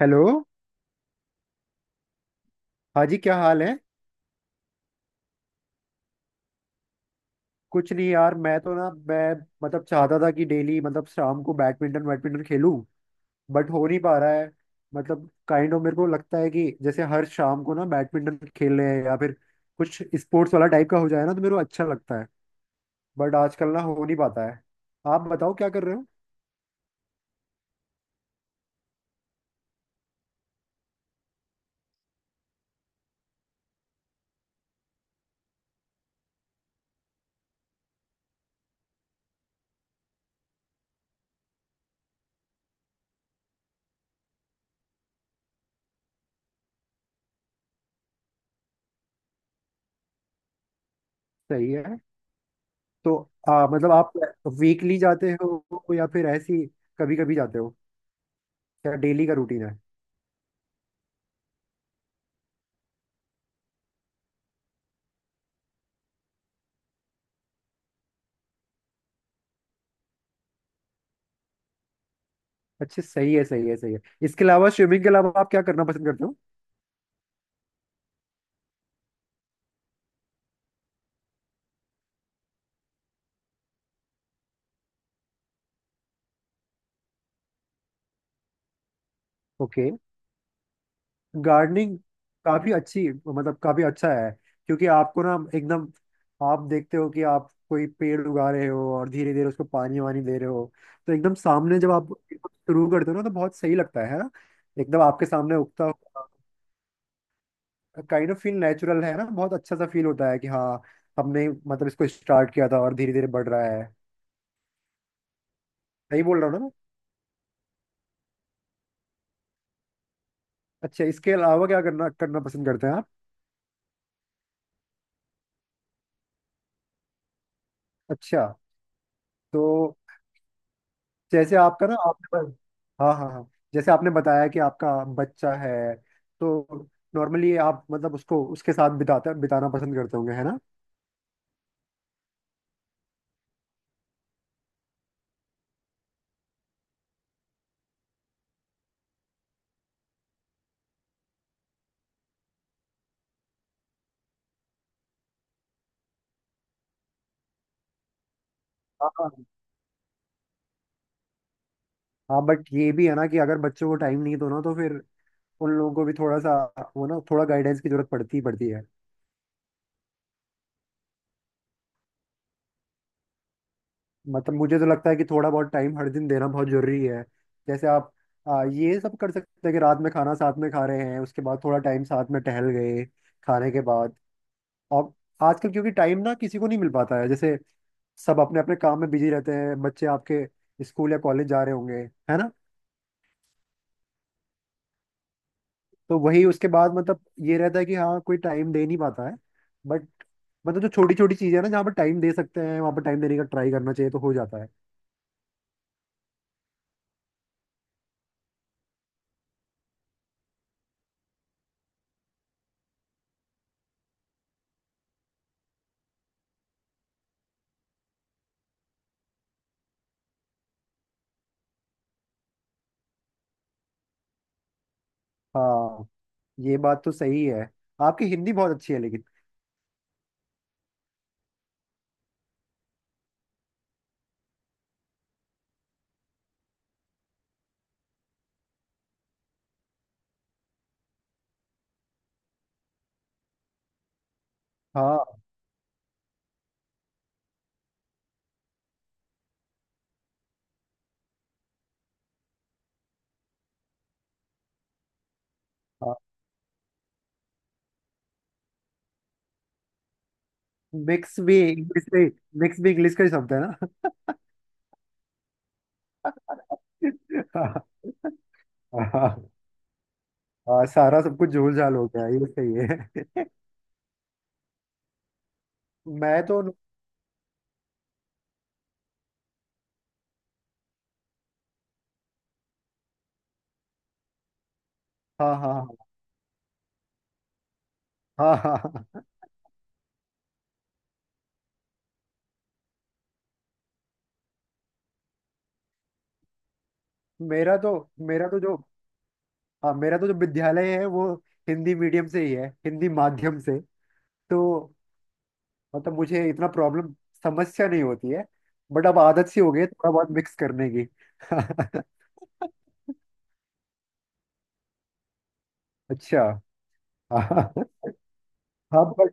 Hello. हाँ जी, क्या हाल है? कुछ नहीं यार, मैं तो ना मैं मतलब चाहता था कि डेली मतलब शाम को बैडमिंटन बैडमिंटन खेलूं। बट हो नहीं पा रहा है। मतलब काइंड ऑफ मेरे को लगता है कि जैसे हर शाम को ना बैडमिंटन खेल रहे हैं या फिर कुछ स्पोर्ट्स वाला टाइप का हो जाए ना तो मेरे को अच्छा लगता है। बट आजकल ना हो नहीं पाता है। आप बताओ, क्या कर रहे हो? सही है। तो मतलब आप वीकली जाते हो या फिर ऐसी कभी कभी जाते हो? क्या डेली का रूटीन है? अच्छा, सही है, सही है, सही है। इसके अलावा, स्विमिंग के अलावा आप क्या करना पसंद करते हो? ओके। गार्डनिंग काफी अच्छी, मतलब काफी अच्छा है। क्योंकि आपको ना एकदम आप देखते हो कि आप कोई पेड़ उगा रहे हो और धीरे धीरे उसको पानी वानी दे रहे हो, तो एकदम सामने जब आप शुरू करते हो ना तो बहुत सही लगता है ना? एकदम आपके सामने उगता हुआ। काइंड ऑफ फील नेचुरल है ना, बहुत अच्छा सा फील होता है कि हाँ, हमने मतलब इसको स्टार्ट किया था और धीरे धीरे बढ़ रहा है। सही बोल रहा हूँ ना मैं? अच्छा, इसके अलावा क्या करना करना पसंद करते हैं आप? अच्छा। तो जैसे आपका ना आपने हाँ हाँ हाँ। जैसे आपने बताया कि आपका बच्चा है, तो नॉर्मली आप मतलब उसको उसके साथ बिताते बिताना पसंद करते होंगे, है ना? हाँ हाँ, बट ये भी है ना कि अगर बच्चों को टाइम नहीं दो ना तो फिर उन लोगों को भी थोड़ा सा वो ना थोड़ा गाइडेंस की जरूरत पड़ती ही पड़ती है। मतलब मुझे तो लगता है कि थोड़ा बहुत टाइम हर दिन देना बहुत जरूरी है। जैसे आप ये सब कर सकते हैं कि रात में खाना साथ में खा रहे हैं, उसके बाद थोड़ा टाइम साथ में टहल गए खाने के बाद। और आजकल क्योंकि टाइम ना किसी को नहीं मिल पाता है, जैसे सब अपने अपने काम में बिजी रहते हैं, बच्चे आपके स्कूल या कॉलेज जा रहे होंगे, है ना? तो वही उसके बाद मतलब ये रहता है कि हाँ, कोई टाइम दे नहीं पाता है। बट मतलब जो छोटी छोटी चीजें हैं ना जहाँ पर टाइम दे सकते हैं वहाँ पर टाइम देने का ट्राई करना चाहिए, तो हो जाता है। हाँ, ये बात तो सही है। आपकी हिंदी बहुत अच्छी है लेकिन। हाँ हाँ, मिक्स भी इंग्लिश में मिक्स भी इंग्लिश का ही शब्द है ना? हाँ। हाँ, हाँ, सारा सब कुछ झोल झाल हो गया, ये सही है। मैं तो। हाँ हाँ हाँ हाँ हाँ हाँ। हाँ। मेरा तो मेरा तो जो हाँ, मेरा तो जो विद्यालय है वो हिंदी मीडियम से ही है, हिंदी माध्यम से। तो मतलब मुझे इतना प्रॉब्लम समस्या नहीं होती है। बट अब आदत सी हो गई है थोड़ा बहुत मिक्स करने की। अच्छा। हाँ हाँ, but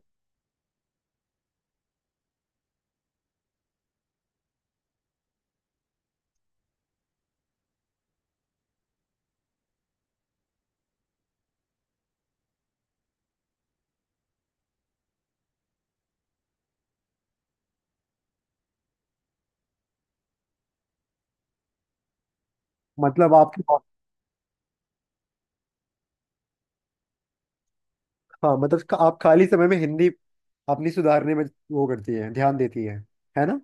मतलब आपकी हाँ, आप खाली समय में हिंदी अपनी सुधारने में वो करती है, ध्यान देती है ना?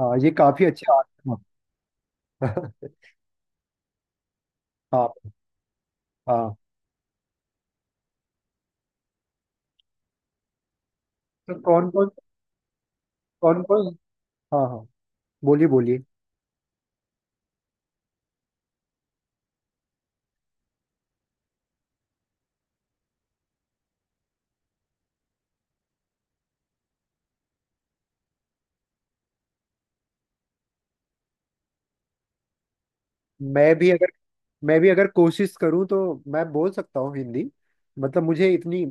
हाँ, ये काफी अच्छा। हाँ। हाँ। हाँ। तो कौन कौन, कौन कौन, हाँ हाँ, बोलिए बोलिए। मैं भी अगर मैं भी अगर कोशिश करूँ तो मैं बोल सकता हूँ हिंदी। मतलब मुझे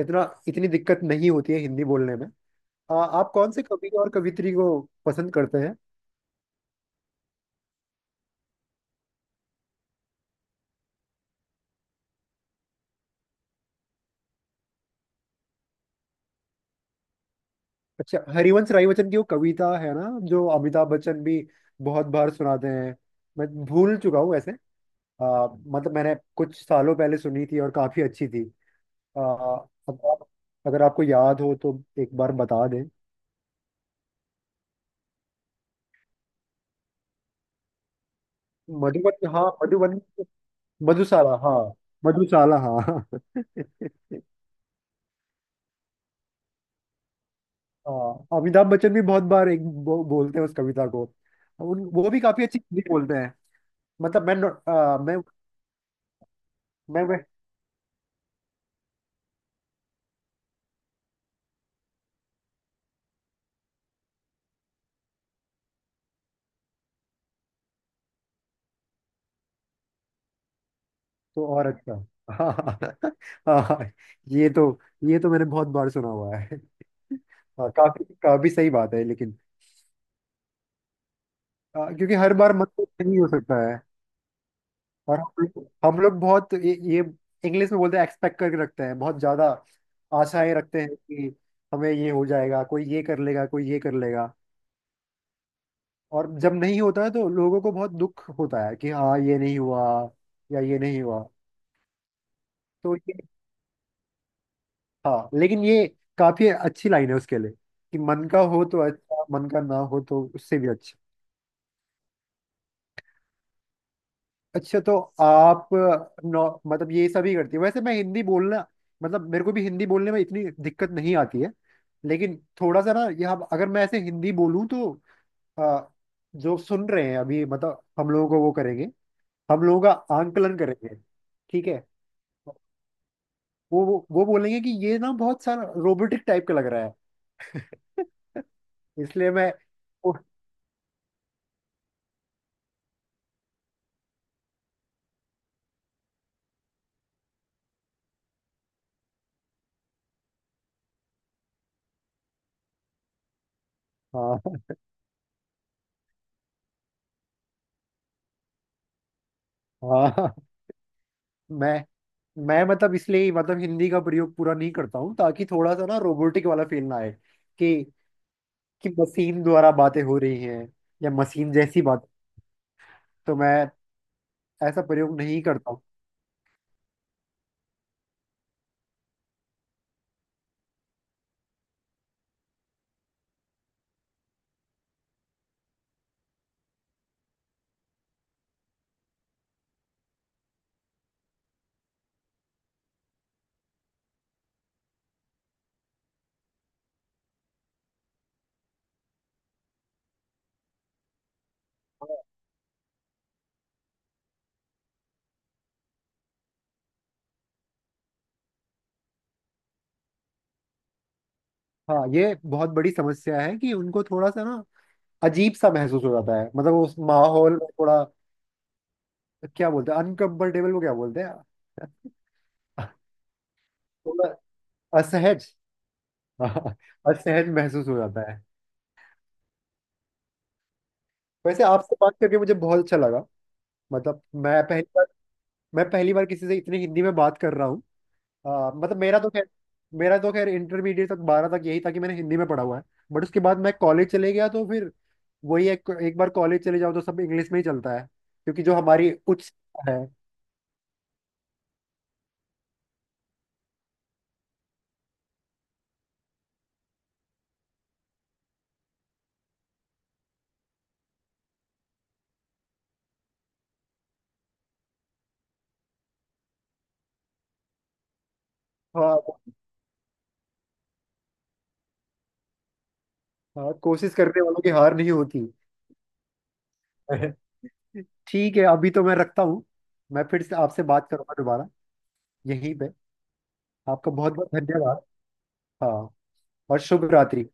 इतना इतनी दिक्कत नहीं होती है हिंदी बोलने में। आप कौन से कवि और कवित्री को पसंद करते हैं? अच्छा, हरिवंश राय बच्चन की वो कविता है ना जो अमिताभ बच्चन भी बहुत बार सुनाते हैं। मैं भूल चुका हूँ वैसे। मतलब मैंने कुछ सालों पहले सुनी थी और काफी अच्छी थी। आ, अगर आप अगर आपको याद हो तो एक बार बता दें। मधुबन, हाँ मधुबन। मधुशाला, हाँ मधुशाला, हाँ। हाँ, अमिताभ बच्चन भी बहुत बार बोलते हैं उस कविता को। उन वो भी काफी अच्छी हिंदी बोलते हैं। मतलब मैं तो और अच्छा। हाँ हाँ हाँ, ये तो ये तो मैंने बहुत बार सुना हुआ है। हाँ, काफी काफी सही बात है लेकिन। क्योंकि हर बार मत तो नहीं हो सकता। और हम लोग बहुत ये इंग्लिश में बोलते हैं, एक्सपेक्ट करके रखते हैं, बहुत ज्यादा आशाएं रखते हैं कि हमें ये हो जाएगा, कोई ये कर लेगा, कोई ये कर लेगा। और जब नहीं होता है तो लोगों को बहुत दुख होता है कि हाँ, ये नहीं हुआ या ये नहीं हुआ। तो ये हाँ, लेकिन ये काफी अच्छी लाइन है उसके लिए, कि मन का हो तो अच्छा, मन का ना हो तो उससे भी अच्छा। अच्छा, तो आप मतलब ये सभी करती है वैसे। मैं हिंदी बोलना मतलब मेरे को भी हिंदी बोलने में इतनी दिक्कत नहीं आती है, लेकिन थोड़ा सा ना यहाँ अगर मैं ऐसे हिंदी बोलूँ तो आ, जो सुन रहे हैं अभी मतलब हम लोगों को वो करेंगे, हम लोगों का आंकलन करेंगे। ठीक है? वो बोलेंगे कि ये ना बहुत सारा रोबोटिक टाइप का लग रहा है। इसलिए मैं ओ, हाँ हाँ, मैं मैं मतलब इसलिए ही मतलब हिंदी का प्रयोग पूरा नहीं करता हूँ ताकि थोड़ा सा ना रोबोटिक वाला फील ना आए, कि कि मशीन द्वारा बातें हो रही हैं या मशीन जैसी बात। तो मैं ऐसा प्रयोग नहीं करता हूँ। हाँ, ये बहुत बड़ी समस्या है कि उनको थोड़ा सा ना अजीब सा महसूस हो जाता है, मतलब उस माहौल में थोड़ा। क्या बोलते हैं, अनकंफर्टेबल को क्या बोलते हैं? थोड़ा असहज। हाँ, असहज महसूस हो जाता है। वैसे आपसे बात करके मुझे बहुत अच्छा लगा। मतलब मैं पहली बार किसी से इतनी हिंदी में बात कर रहा हूँ। मतलब मेरा तो खैर इंटरमीडिएट तक 12 तक यही था कि मैंने हिंदी में पढ़ा हुआ है। बट उसके बाद मैं कॉलेज चले गया, तो फिर वही एक बार कॉलेज चले जाओ तो सब इंग्लिश में ही चलता है, क्योंकि जो हमारी उच्च शिक्षा है। हाँ हाँ, कोशिश करने वालों की हार नहीं होती। ठीक है, अभी तो मैं रखता हूँ। मैं फिर से आपसे बात करूंगा दोबारा, यहीं पे। आपका बहुत बहुत धन्यवाद। हाँ, और शुभ रात्रि।